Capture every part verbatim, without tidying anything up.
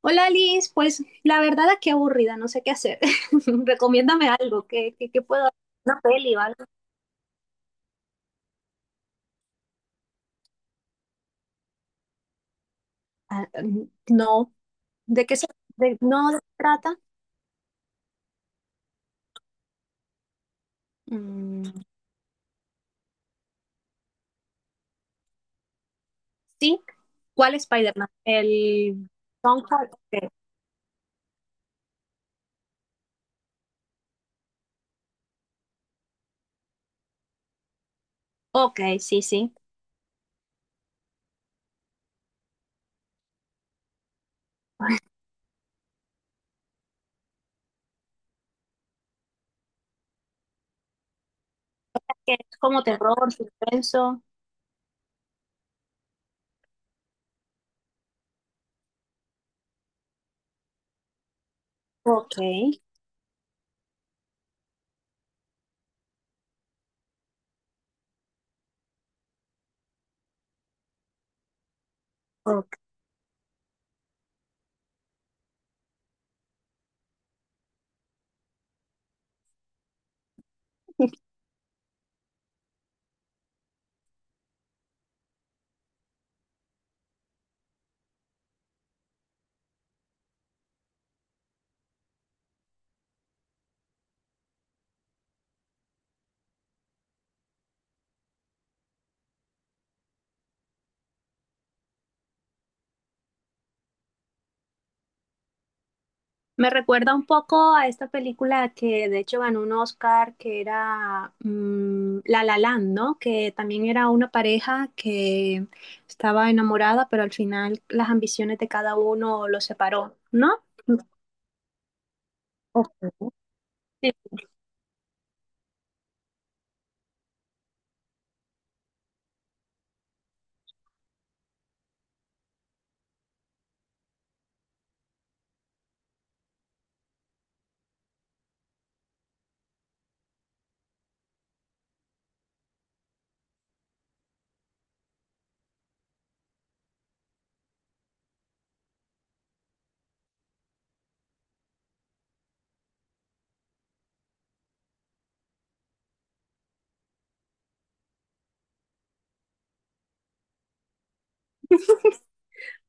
Hola Liz, pues la verdad aquí aburrida, no sé qué hacer. Recomiéndame algo, ¿qué, qué, qué puedo hacer? ¿Una peli o algo? Ah, mm, no, ¿de qué se, de- no de qué trata? Mm, sí, ¿cuál Spider-Man? El Tom Holland. Ok, ok, sí, sí. ¿Que es como terror, suspenso? Ok, ok. Me recuerda un poco a esta película que de hecho ganó un Oscar, que era mm, La La Land, ¿no? Que también era una pareja que estaba enamorada, pero al final las ambiciones de cada uno los separó, ¿no? Ok. Sí,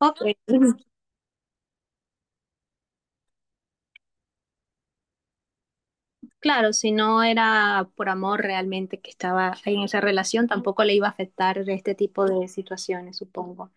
ok. Claro, si no era por amor realmente que estaba ahí en esa relación, tampoco le iba a afectar este tipo de situaciones, supongo.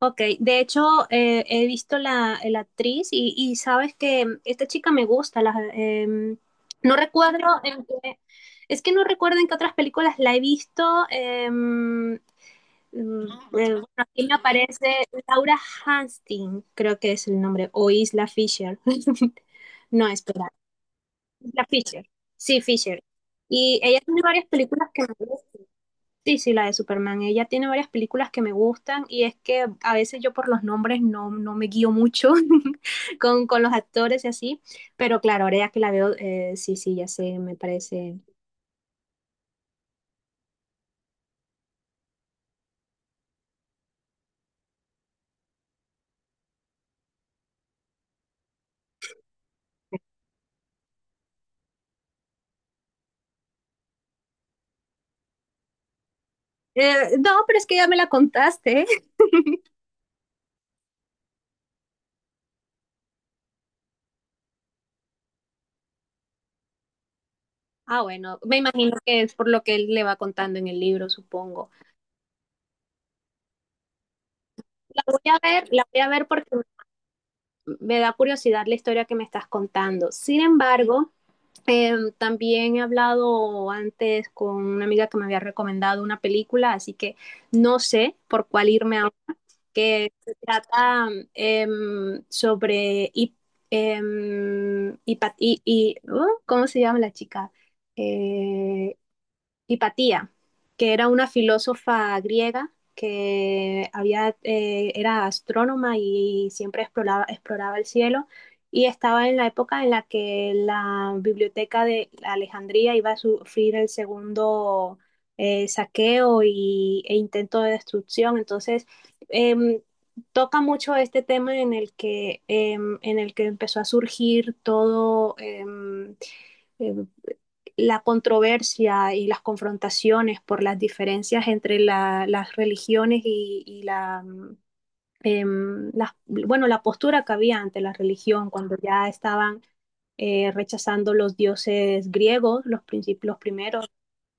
Ok, de hecho eh, he visto la, eh, la actriz y, y sabes que mm, esta chica me gusta. la- em, No recuerdo en qué, es que no recuerdo en qué otras películas la he visto. em, mm, eh, bueno, aquí me aparece Laura Hastings, creo que es el nombre, o Isla Fisher. No, espera, Isla Fisher. Sí, Fisher. Y ella tiene varias películas que me gustan. Sí, sí, la de Superman. Ella tiene varias películas que me gustan y es que a veces yo por los nombres no, no me guío mucho con, con los actores y así, pero claro, ahora ya que la veo, eh, sí, sí, ya sé, me parece. Eh, no, pero es que ya me la contaste. Ah, bueno, me imagino que es por lo que él le va contando en el libro, supongo. La voy a ver, la voy a ver porque me da curiosidad la historia que me estás contando. Sin embargo, Eh, también he hablado antes con una amiga que me había recomendado una película, así que no sé por cuál irme, aunque se trata em, sobre... Hip- em, hipa- y, y- uh, ¿cómo se llama la chica? Eh, Hipatía, que era una filósofa griega que había, eh, era astrónoma y siempre exploraba, exploraba el cielo y estaba en la época en la que la biblioteca de Alejandría iba a sufrir el segundo eh, saqueo y, e intento de destrucción. Entonces, em, toca mucho este tema en el que, em, en el que empezó a surgir todo. em, eh, la controversia y las confrontaciones por las diferencias entre la, las religiones y, y la, eh, la, bueno, la postura que había ante la religión cuando ya estaban eh, rechazando los dioses griegos, los, princip- los primeros,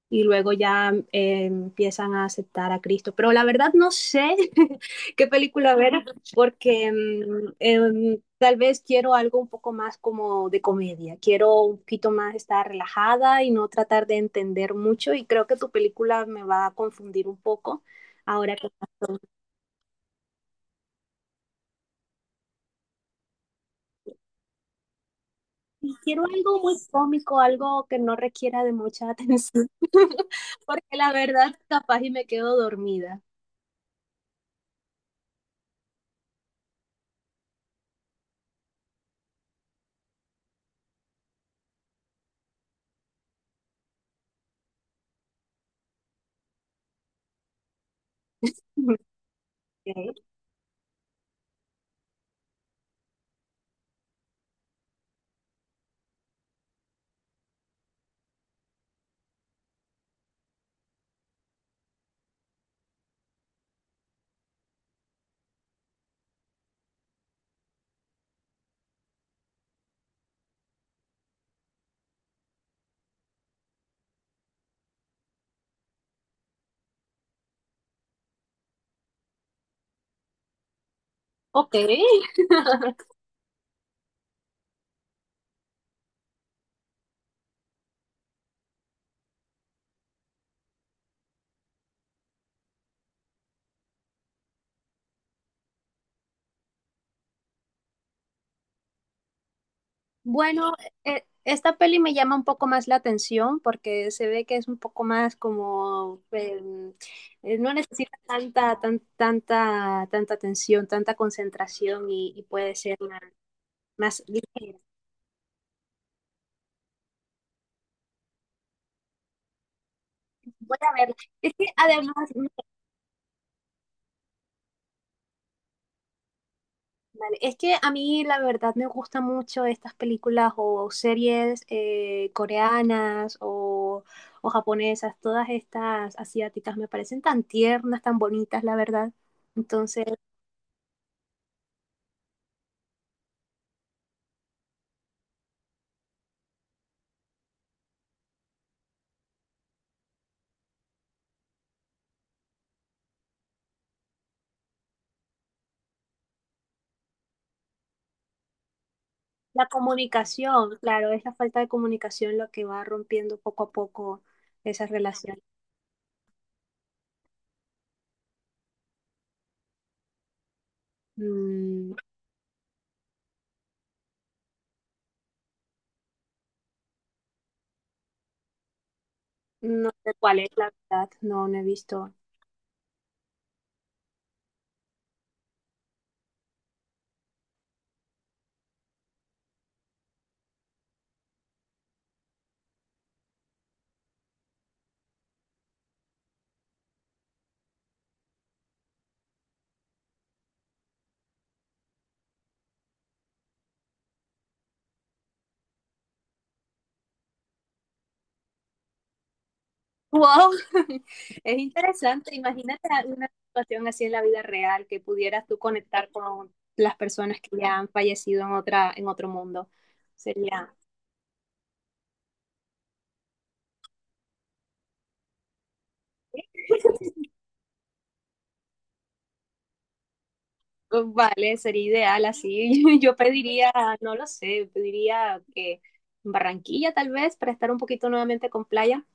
y luego ya eh, empiezan a aceptar a Cristo. Pero la verdad no sé qué película ver porque mm, em, tal vez quiero algo un poco más como de comedia. Quiero un poquito más estar relajada y no tratar de entender mucho y creo que tu película me va a confundir un poco. Ahora que y quiero algo muy cómico, algo que no requiera de mucha atención, porque la verdad capaz y me quedo dormida. Ok. Ok. Bueno, e- esta peli me llama un poco más la atención porque se ve que es un poco más como em, eh, no necesita tanta, tan- tanta, tanta atención, tanta concentración y, y puede ser más, más ligera. Voy a verla. Es que además, mm, vale, es que a mí la verdad me gustan mucho estas películas o series eh, coreanas o, o japonesas, todas estas asiáticas me parecen tan tiernas, tan bonitas, la verdad. Entonces. La comunicación, claro, es la falta de comunicación lo que va rompiendo poco a poco esa relación. Mm, no sé cuál es la verdad, no, no he visto. Wow, es interesante. Imagínate una situación así en la vida real que pudieras tú conectar con las personas que ya han fallecido en otra, en otro mundo. Sería pues, vale, sería ideal así. Yo pediría, no lo sé, pediría que Barranquilla tal vez para estar un poquito nuevamente con playa.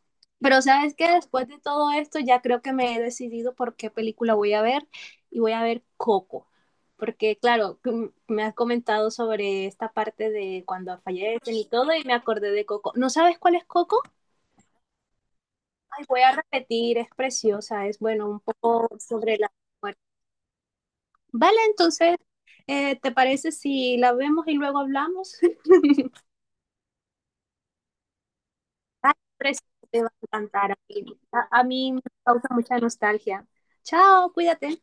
Pero sabes que después de todo esto ya creo que me he decidido por qué película voy a ver y voy a ver Coco. Porque claro, que me has comentado sobre esta parte de cuando fallecen y todo y me acordé de Coco. ¿No sabes cuál es Coco? Ay, voy a repetir, es preciosa, es bueno, un poco sobre la muerte. Vale, entonces, eh, ¿te parece si la vemos y luego hablamos? Ay, precioso, te va a encantar a mí. A, a mí me causa mucha nostalgia. Chao, cuídate.